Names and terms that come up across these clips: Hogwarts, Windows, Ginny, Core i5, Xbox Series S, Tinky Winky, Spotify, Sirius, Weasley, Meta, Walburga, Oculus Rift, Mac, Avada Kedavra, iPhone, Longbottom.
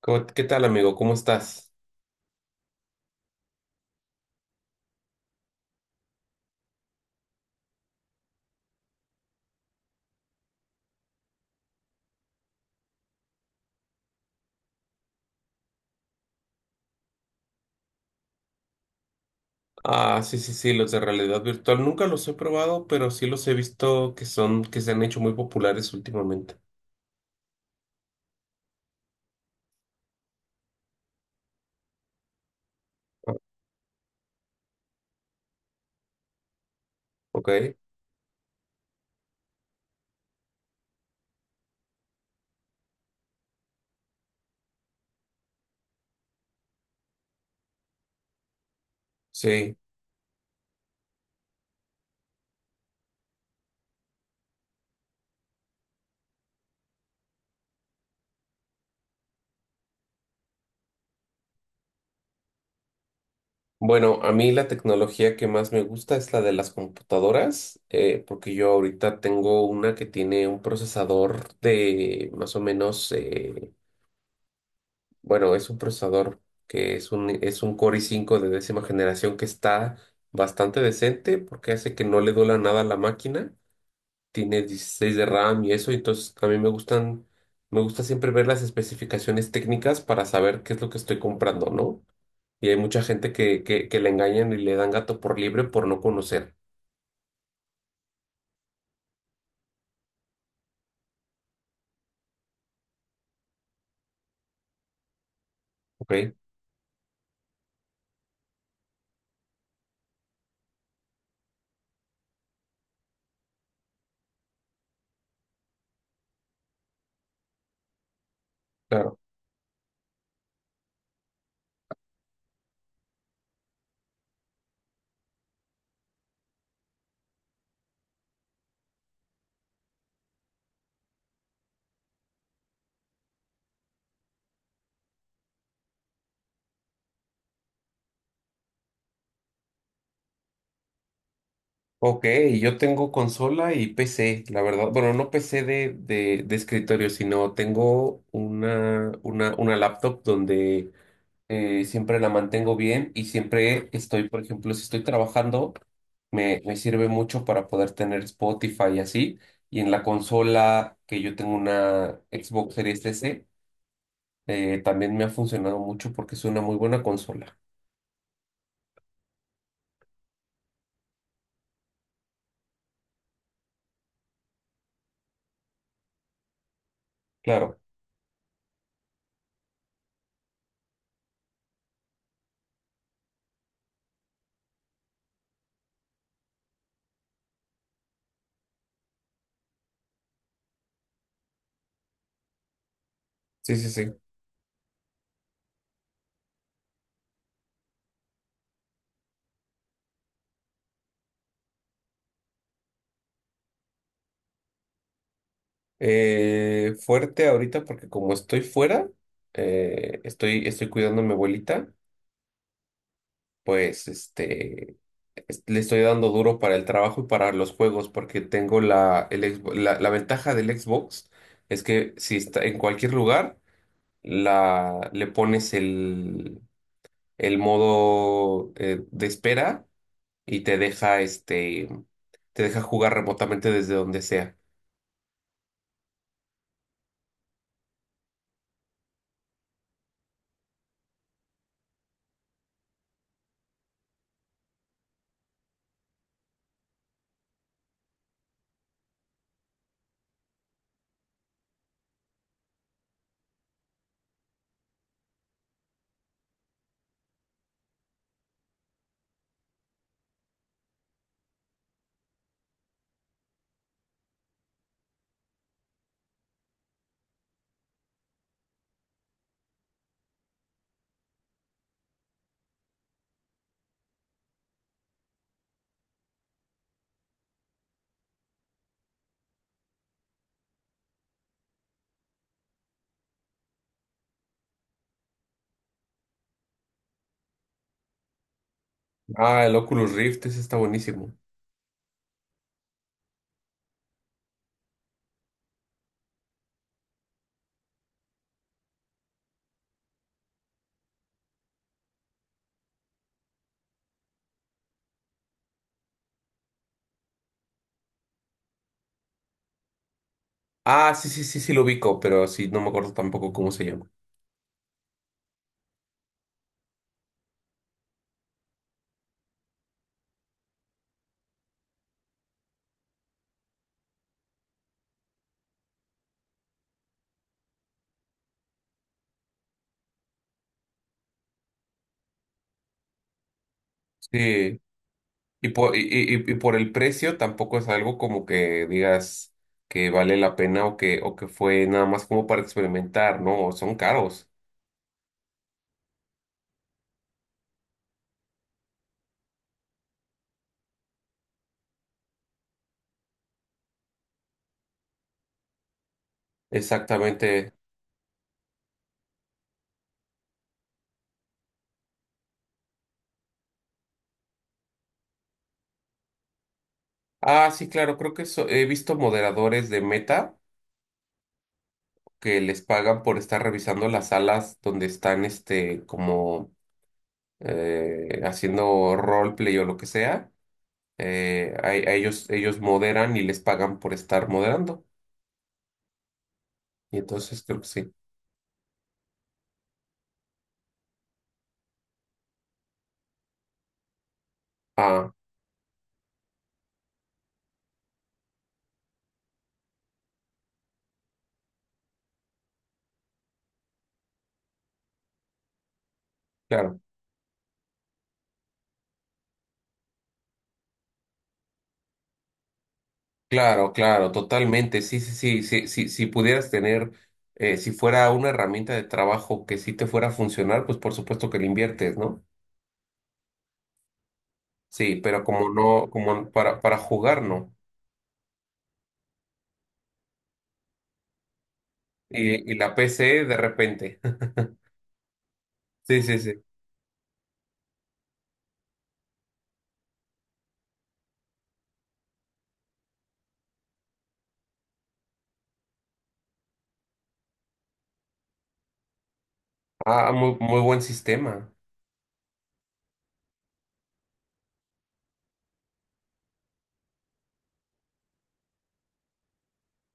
¿Qué tal, amigo? ¿Cómo estás? Sí, sí, sí, los de realidad virtual nunca los he probado, pero sí los he visto que son, que se han hecho muy populares últimamente. Ah, Ok, sí. Bueno, a mí la tecnología que más me gusta es la de las computadoras, porque yo ahorita tengo una que tiene un procesador de más o menos, bueno, es un procesador que es un Core i5 de décima generación que está bastante decente porque hace que no le duela nada a la máquina. Tiene 16 de RAM y eso, entonces a mí me gustan, me gusta siempre ver las especificaciones técnicas para saber qué es lo que estoy comprando, ¿no? Y hay mucha gente que le engañan y le dan gato por libre por no conocer. ¿Ok? Claro. Ok, yo tengo consola y PC, la verdad. Bueno, no PC de escritorio, sino tengo una laptop donde siempre la mantengo bien y siempre estoy, por ejemplo, si estoy trabajando, me sirve mucho para poder tener Spotify y así. Y en la consola, que yo tengo una Xbox Series S, también me ha funcionado mucho porque es una muy buena consola. Claro, sí, sí, sí. Fuerte ahorita porque como estoy fuera, estoy cuidando a mi abuelita, pues le estoy dando duro para el trabajo y para los juegos porque tengo la ventaja del Xbox es que si está en cualquier lugar, le pones el modo de espera y te deja jugar remotamente desde donde sea. Ah, el Oculus Rift, ese está buenísimo. Ah, sí, sí, sí, sí lo ubico, pero sí, no me acuerdo tampoco cómo se llama. Sí. Y por, y, y por el precio tampoco es algo como que digas que vale la pena o que fue nada más como para experimentar, ¿no? Son caros. Exactamente. Ah, sí, claro, creo que he visto moderadores de Meta que les pagan por estar revisando las salas donde están, como haciendo roleplay o lo que sea. A ellos, ellos moderan y les pagan por estar moderando. Y entonces creo que sí. Ah, claro. Claro, claro, totalmente. Sí, sí, sí, sí, sí, si pudieras tener, si fuera una herramienta de trabajo que sí te fuera a funcionar, pues por supuesto que le inviertes, ¿no? Sí, pero como no, como para jugar, no. Y la PC de repente. Sí, sí, sí. Ah, muy, muy buen sistema.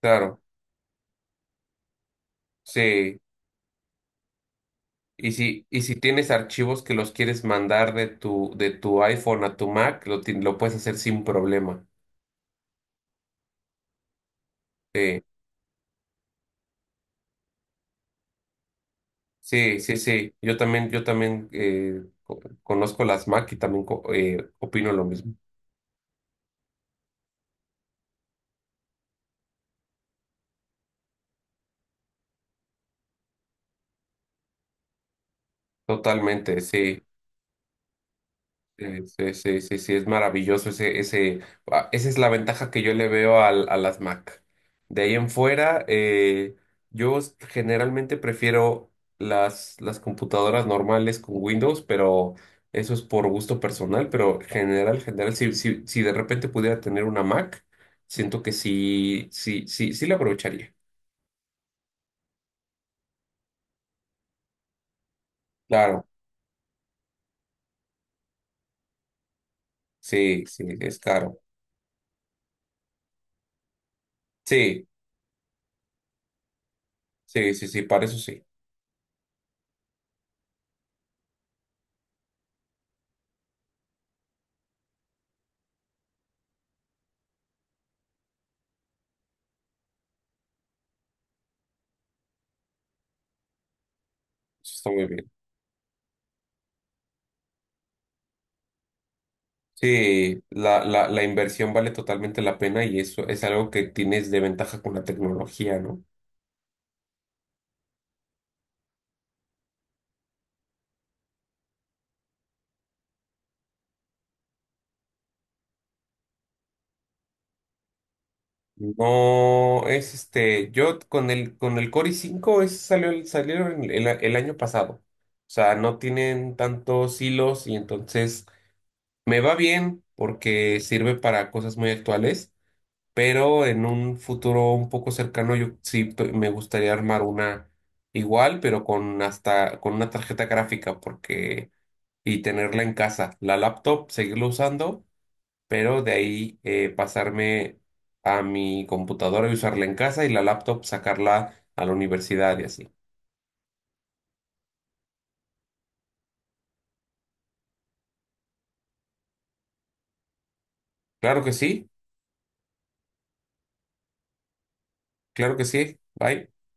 Claro, sí. Y si tienes archivos que los quieres mandar de tu iPhone a tu Mac, lo puedes hacer sin problema. Sí. Sí, sí, sí. Yo también conozco las Mac y también opino lo mismo. Totalmente, sí. Sí, sí, sí, sí, es maravilloso esa es la ventaja que yo le veo a las Mac. De ahí en fuera, yo generalmente prefiero las computadoras normales con Windows, pero eso es por gusto personal, pero general, general, si, si, si de repente pudiera tener una Mac, siento que sí, sí, sí, sí la aprovecharía. Claro, sí, sí, es caro. Sí, sí, sí, sí, para eso sí. Eso está muy bien. Sí, la inversión vale totalmente la pena y eso es algo que tienes de ventaja con la tecnología, ¿no? No, es este, yo con el Core i5 es, salió, salieron el año pasado. O sea, no tienen tantos hilos y entonces me va bien porque sirve para cosas muy actuales, pero en un futuro un poco cercano yo sí me gustaría armar una igual, pero con hasta con una tarjeta gráfica porque y tenerla en casa, la laptop seguirla usando, pero de ahí pasarme a mi computadora y usarla en casa y la laptop sacarla a la universidad y así. Claro que sí, claro que sí. Bye.